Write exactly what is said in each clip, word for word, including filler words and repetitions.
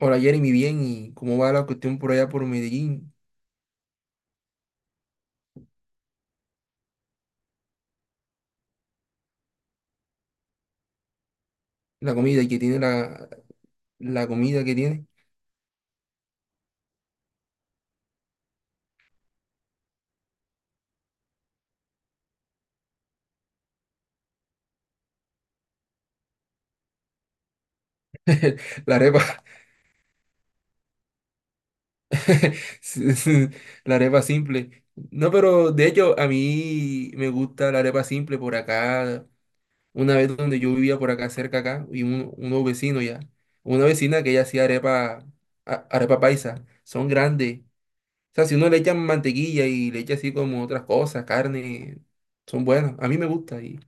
Hola Jeremy, bien, ¿y cómo va la cuestión por allá por Medellín? La comida, ¿y qué tiene la, la comida que tiene? La arepa, sí, sí, la arepa simple. No, pero de hecho a mí me gusta la arepa simple por acá. Una vez donde yo vivía por acá cerca acá, y un, unos vecinos ya, una vecina que ella hacía arepa, a- arepa paisa, son grandes. O sea, si uno le echa mantequilla y le echa así como otras cosas, carne, son buenas. A mí me gusta y...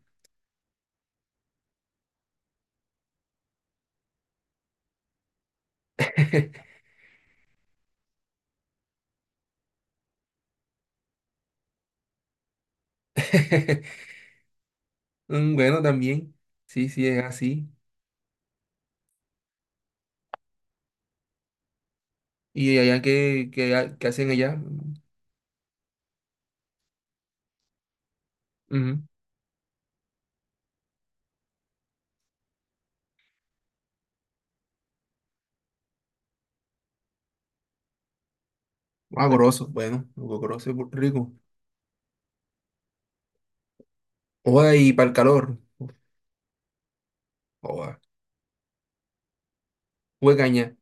Mm, Bueno, también. Sí, sí, es así. ¿Y allá qué, qué, ha- qué hacen allá? Ujú. Ah, goroso. Bueno, goroso, rico. Joda, y para el calor. Uf, Joda. Huecaña.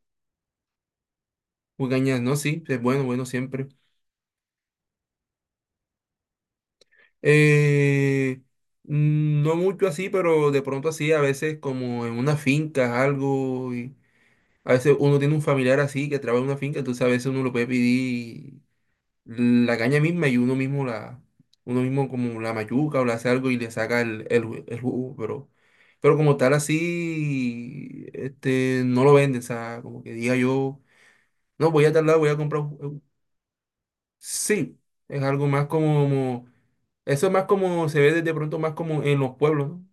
Huecaña, no, sí, es bueno, bueno siempre. Eh, mm, no mucho así, pero de pronto así, a veces como en una finca, algo. Y a veces uno tiene un familiar así que trabaja en una finca, entonces a veces uno lo puede pedir mm, la caña misma y uno mismo la, uno mismo como la mayuca o le hace algo y le saca el, el, ju- el jugo, pero, pero como tal así, este, no lo venden, o sea, como que diga yo, no, voy a tal lado, voy a comprar un jugo". Sí, es algo más como, eso es más como, se ve de de pronto más como en los pueblos, ¿no?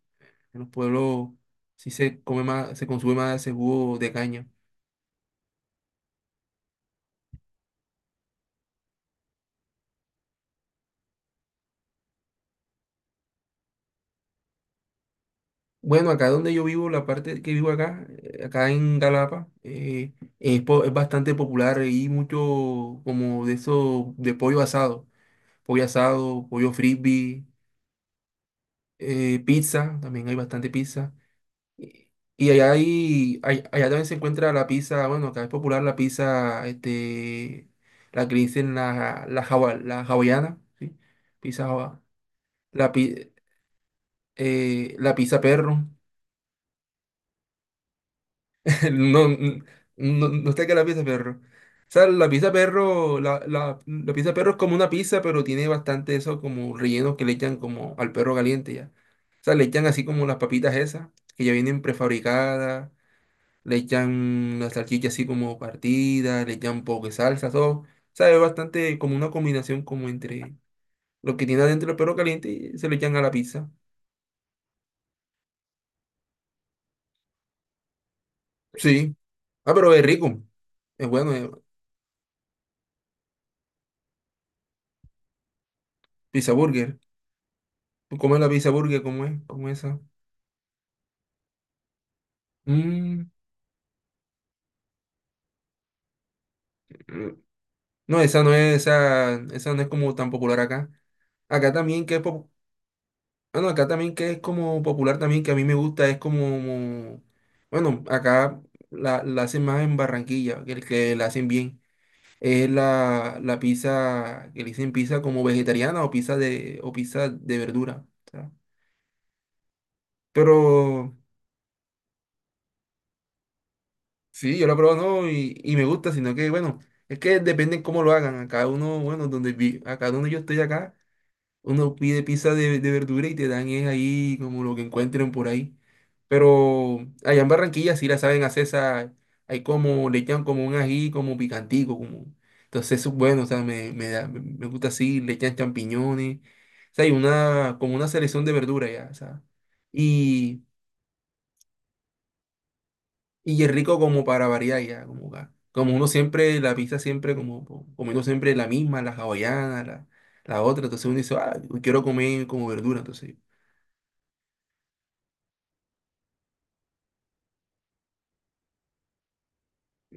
En los pueblos sí se come más, se consume más ese jugo de caña. Bueno, acá donde yo vivo, la parte que vivo acá, eh, acá en Galapa, eh, es, po- es bastante popular y mucho como de eso, de pollo asado, pollo asado, pollo frisbee, eh, pizza, también hay bastante pizza. Y, y allá hay, hay- allá también se encuentra la pizza, bueno, acá es popular la pizza, este, la que le dicen la, la, hawa- la hawaiana, ¿sí? Pizza hawa- la, pi- eh, La pizza perro. No, n- no, no sé qué es la pizza perro. O sea, la pizza perro, la, la, la pizza perro es como una pizza, pero tiene bastante eso como rellenos que le echan como al perro caliente ya. O sea, le echan así como las papitas esas, que ya vienen prefabricadas, le echan la salchicha así como partida, le echan un poco de salsa, todo. O sea, es bastante como una combinación como entre lo que tiene adentro el perro caliente y se le echan a la pizza. Sí. Ah, pero es rico. Es bueno, es pizza burger. ¿Tú comes la pizza burger? ¿Cómo es? ¿Cómo es esa? Mm, mm, no, esa no es, esa, esa no es como tan popular acá. Acá también que es pop- bueno, acá también que es como popular también, que a mí me gusta, es como, bueno, acá la, la hacen más en Barranquilla, que el que la hacen bien. Es la, la pizza, que le dicen pizza como vegetariana o pizza de, o pizza de verdura. O sea. Pero sí, yo la probado no, y, y me gusta, sino que bueno, es que depende cómo lo hagan. Acá uno, bueno, donde vi, acá donde yo estoy acá. Uno pide pizza de, de verdura y te dan es ahí como lo que encuentren por ahí. Pero allá en Barranquilla sí la saben hacer esa, hay como, le echan como un ají como picantico, como, entonces eso es bueno, o sea, me, me da- me gusta así, le echan champiñones, o sea, hay una, como una selección de verdura ya, o sea, y, y es rico como para variar ya, como, ca- como uno siempre, la pizza siempre, como, co- comiendo siempre la misma, la hawaiana, la, la otra, entonces uno dice, ah, quiero comer como verdura, entonces.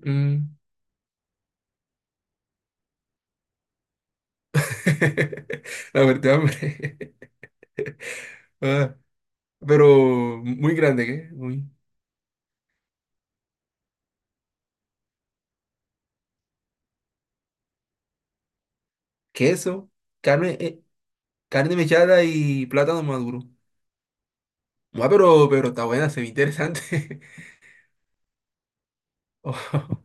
Mm. La muerte de hambre. Ah, pero muy grande, ¿qué? Muy... Queso, carne, eh, carne mechada y plátano maduro. Ah, pero, pero está buena, se ve interesante. Oh,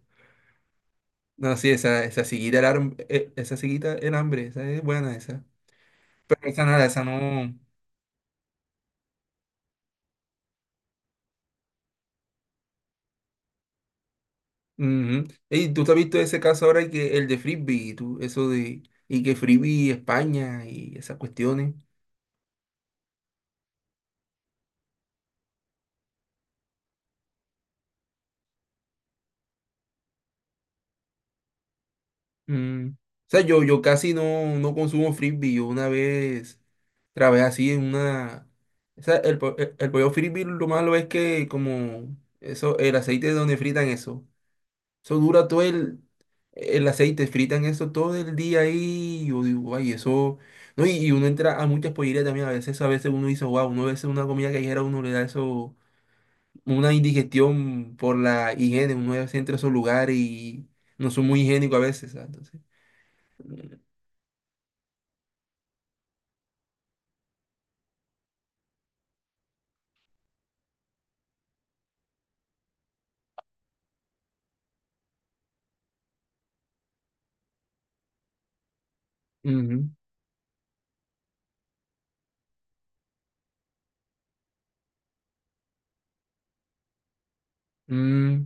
no, sí, esa, esa siguita era, ham- eh, esa siguita era hambre, esa es buena esa. Pero esa nada, esa no. Ujú. Ey, tú te has visto ese caso ahora que el de Frisbee, tú, eso de, y que Frisbee España y esas cuestiones. Mm, O sea, yo, yo casi no, no consumo frisbee. Yo una vez trabajé así en una... O sea, el, po- el, el pollo frisbee lo malo es que como eso, el aceite donde fritan eso. Eso dura todo el, el aceite, fritan eso todo el día ahí. Yo digo, ay, eso... No, y, y uno entra a muchas pollerías también. A veces, a veces uno dice, wow, uno a veces una comida callejera, uno le da eso, una indigestión por la higiene. Uno a veces entra a esos lugares y no son muy higiénicos a veces, ¿sabes? Entonces... Mm,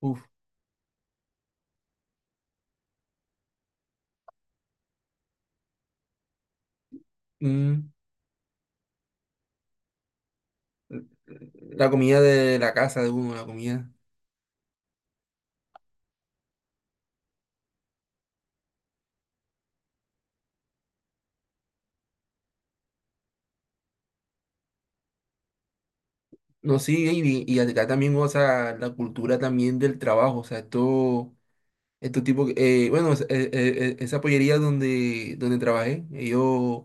uf, mm, la comida de la casa de uno, la comida. No, sí, y, y acá también, o sea, la cultura también del trabajo, o sea, esto, estos tipos, que- eh, bueno, es- eh, eh, eh, esa pollería donde, donde trabajé, ellos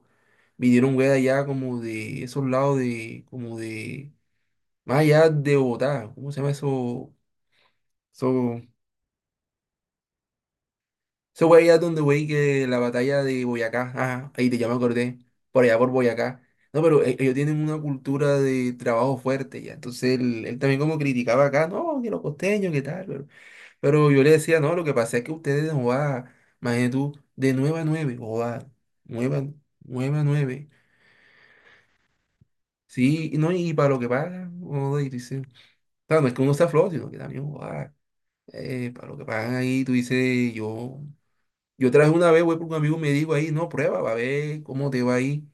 vinieron, güey, allá como de esos lados de, como de, más allá de Bogotá, ¿cómo se llama eso? Ese fue allá donde, güey, que la batalla de Boyacá, ajá, ahí te ya me acordé, por allá por Boyacá. No, pero e- ellos tienen una cultura de trabajo fuerte, ya. Entonces él, él también como criticaba acá, no, que los costeños, que tal, pero, pero yo le decía, no, lo que pasa es que ustedes, joda, imagínate tú, de nueve a nueve, joda, nueve a nueve, a nueve. Sí, y no, y para lo que pagan, joda, y tú dices, claro, no es que uno sea flojo, sino que también, joda, eh, para lo que pagan ahí, tú dices, yo. Yo traje una vez voy por un amigo y me dijo ahí, no, prueba, va a ver cómo te va ahí.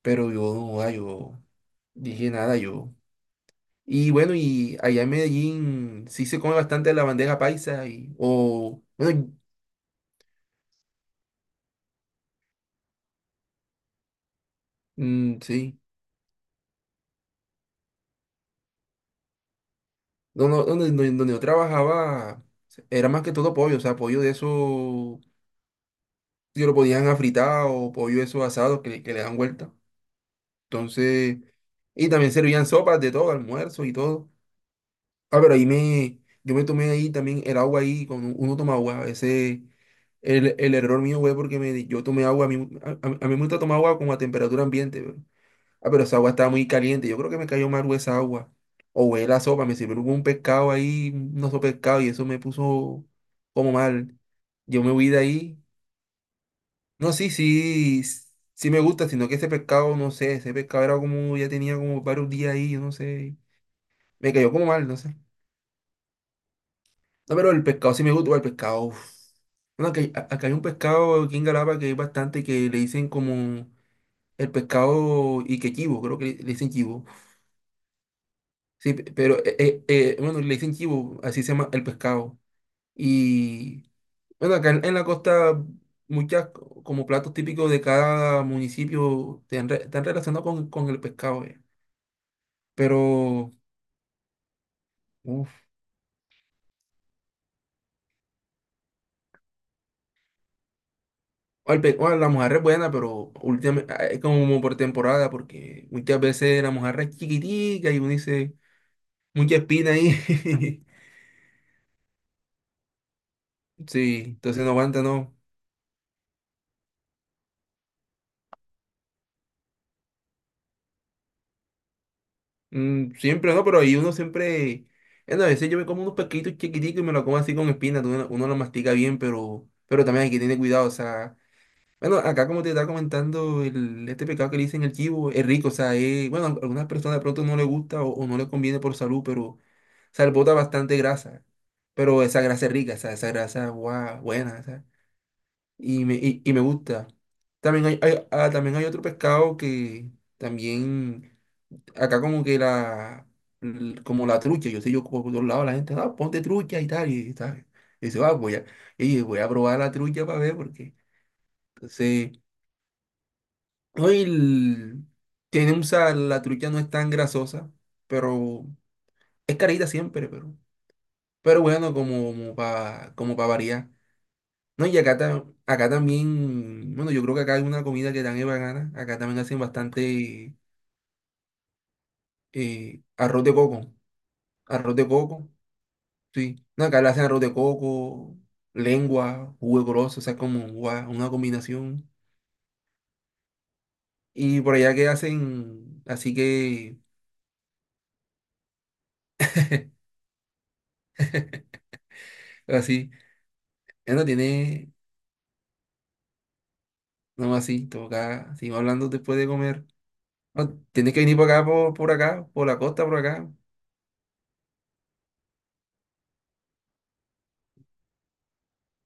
Pero yo, ah, yo dije nada, yo. Y bueno, y allá en Medellín sí se come bastante la bandeja paisa y, o, bueno, mm, sí. Donde, donde, donde- donde yo trabajaba era más que todo pollo, o sea, pollo de eso que lo podían afritar o pollo de esos asados que, le- que le dan vuelta. Entonces, y también servían sopas de todo, almuerzo y todo. Ah, pero ahí me, yo me tomé ahí también el agua ahí, cuando uno toma agua, ese, el, el error mío, güey, porque me, yo tomé agua, a mí, a, a a mí me gusta tomar agua como a temperatura ambiente, pero, ah, pero esa agua estaba muy caliente, yo creo que me cayó mal, güey, esa agua, o güey, la sopa, me sirvió un pescado ahí, un oso pescado, y eso me puso como mal, yo me huí de ahí, no, sí, sí, s- sí me gusta, sino que ese pescado, no sé, ese pescado era como, ya tenía como varios días ahí, yo no sé, me cayó como mal, no sé. No, pero el pescado sí me gusta, el pescado. Uf. Bueno, acá hay, a- acá hay un pescado aquí en Galapa que hay bastante que le dicen como el pescado y que chivo, creo que le, le dicen chivo. Sí, pe- pero eh, eh, eh, bueno, le dicen chivo, así se llama el pescado. Y bueno, acá en, en la costa muchas co- como platos típicos de cada municipio están, re- están relacionados con, con el pescado. Eh. Pero, o el pe- o la mujer es buena, pero últimamente es como por temporada, porque muchas veces la mujer es chiquitica y uno dice, mucha espina ahí. Sí, entonces no aguanta, no. Mm, siempre no, pero ahí uno siempre. Bueno, a veces yo me como unos pesquitos chiquiticos y me lo como así con espina. Uno uno, lo mastica bien, pero, pero también hay que tener cuidado, o sea. Bueno, acá como te estaba comentando, el, este pecado que le dicen el chivo es rico, o sea, es- bueno, a algunas personas de pronto no le gusta o, o no le conviene por salud, pero. Sea, le bota bastante grasa, pero esa grasa es rica, esa, esa grasa, guau, buena, esa, y me, y, y me gusta. También hay, hay- ah, también hay otro pescado que también, acá como que la, l- como la trucha, yo sé, yo por todos lados la gente, ah, ponte trucha y tal, y tal. Y dice, ah, voy a, y voy a probar la trucha para ver, porque, entonces, hoy el- tiene un sal, la trucha no es tan grasosa, pero es carita siempre, pero... Pero bueno, como, para como para variar. No, y acá, ta- acá también, bueno, yo creo que acá hay una comida que tan es bacana. Acá también hacen bastante eh, arroz de coco. Arroz de coco, sí. No, acá le hacen arroz de coco, lengua, jugo grosso, o sea, como guau, una combinación. Y por allá que hacen, así que, así, ya no tiene, no así, toca, sigo hablando después de comer. No, tienes que venir por acá, por, por acá, por la costa, por acá.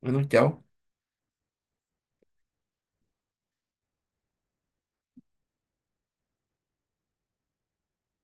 Bueno, chao.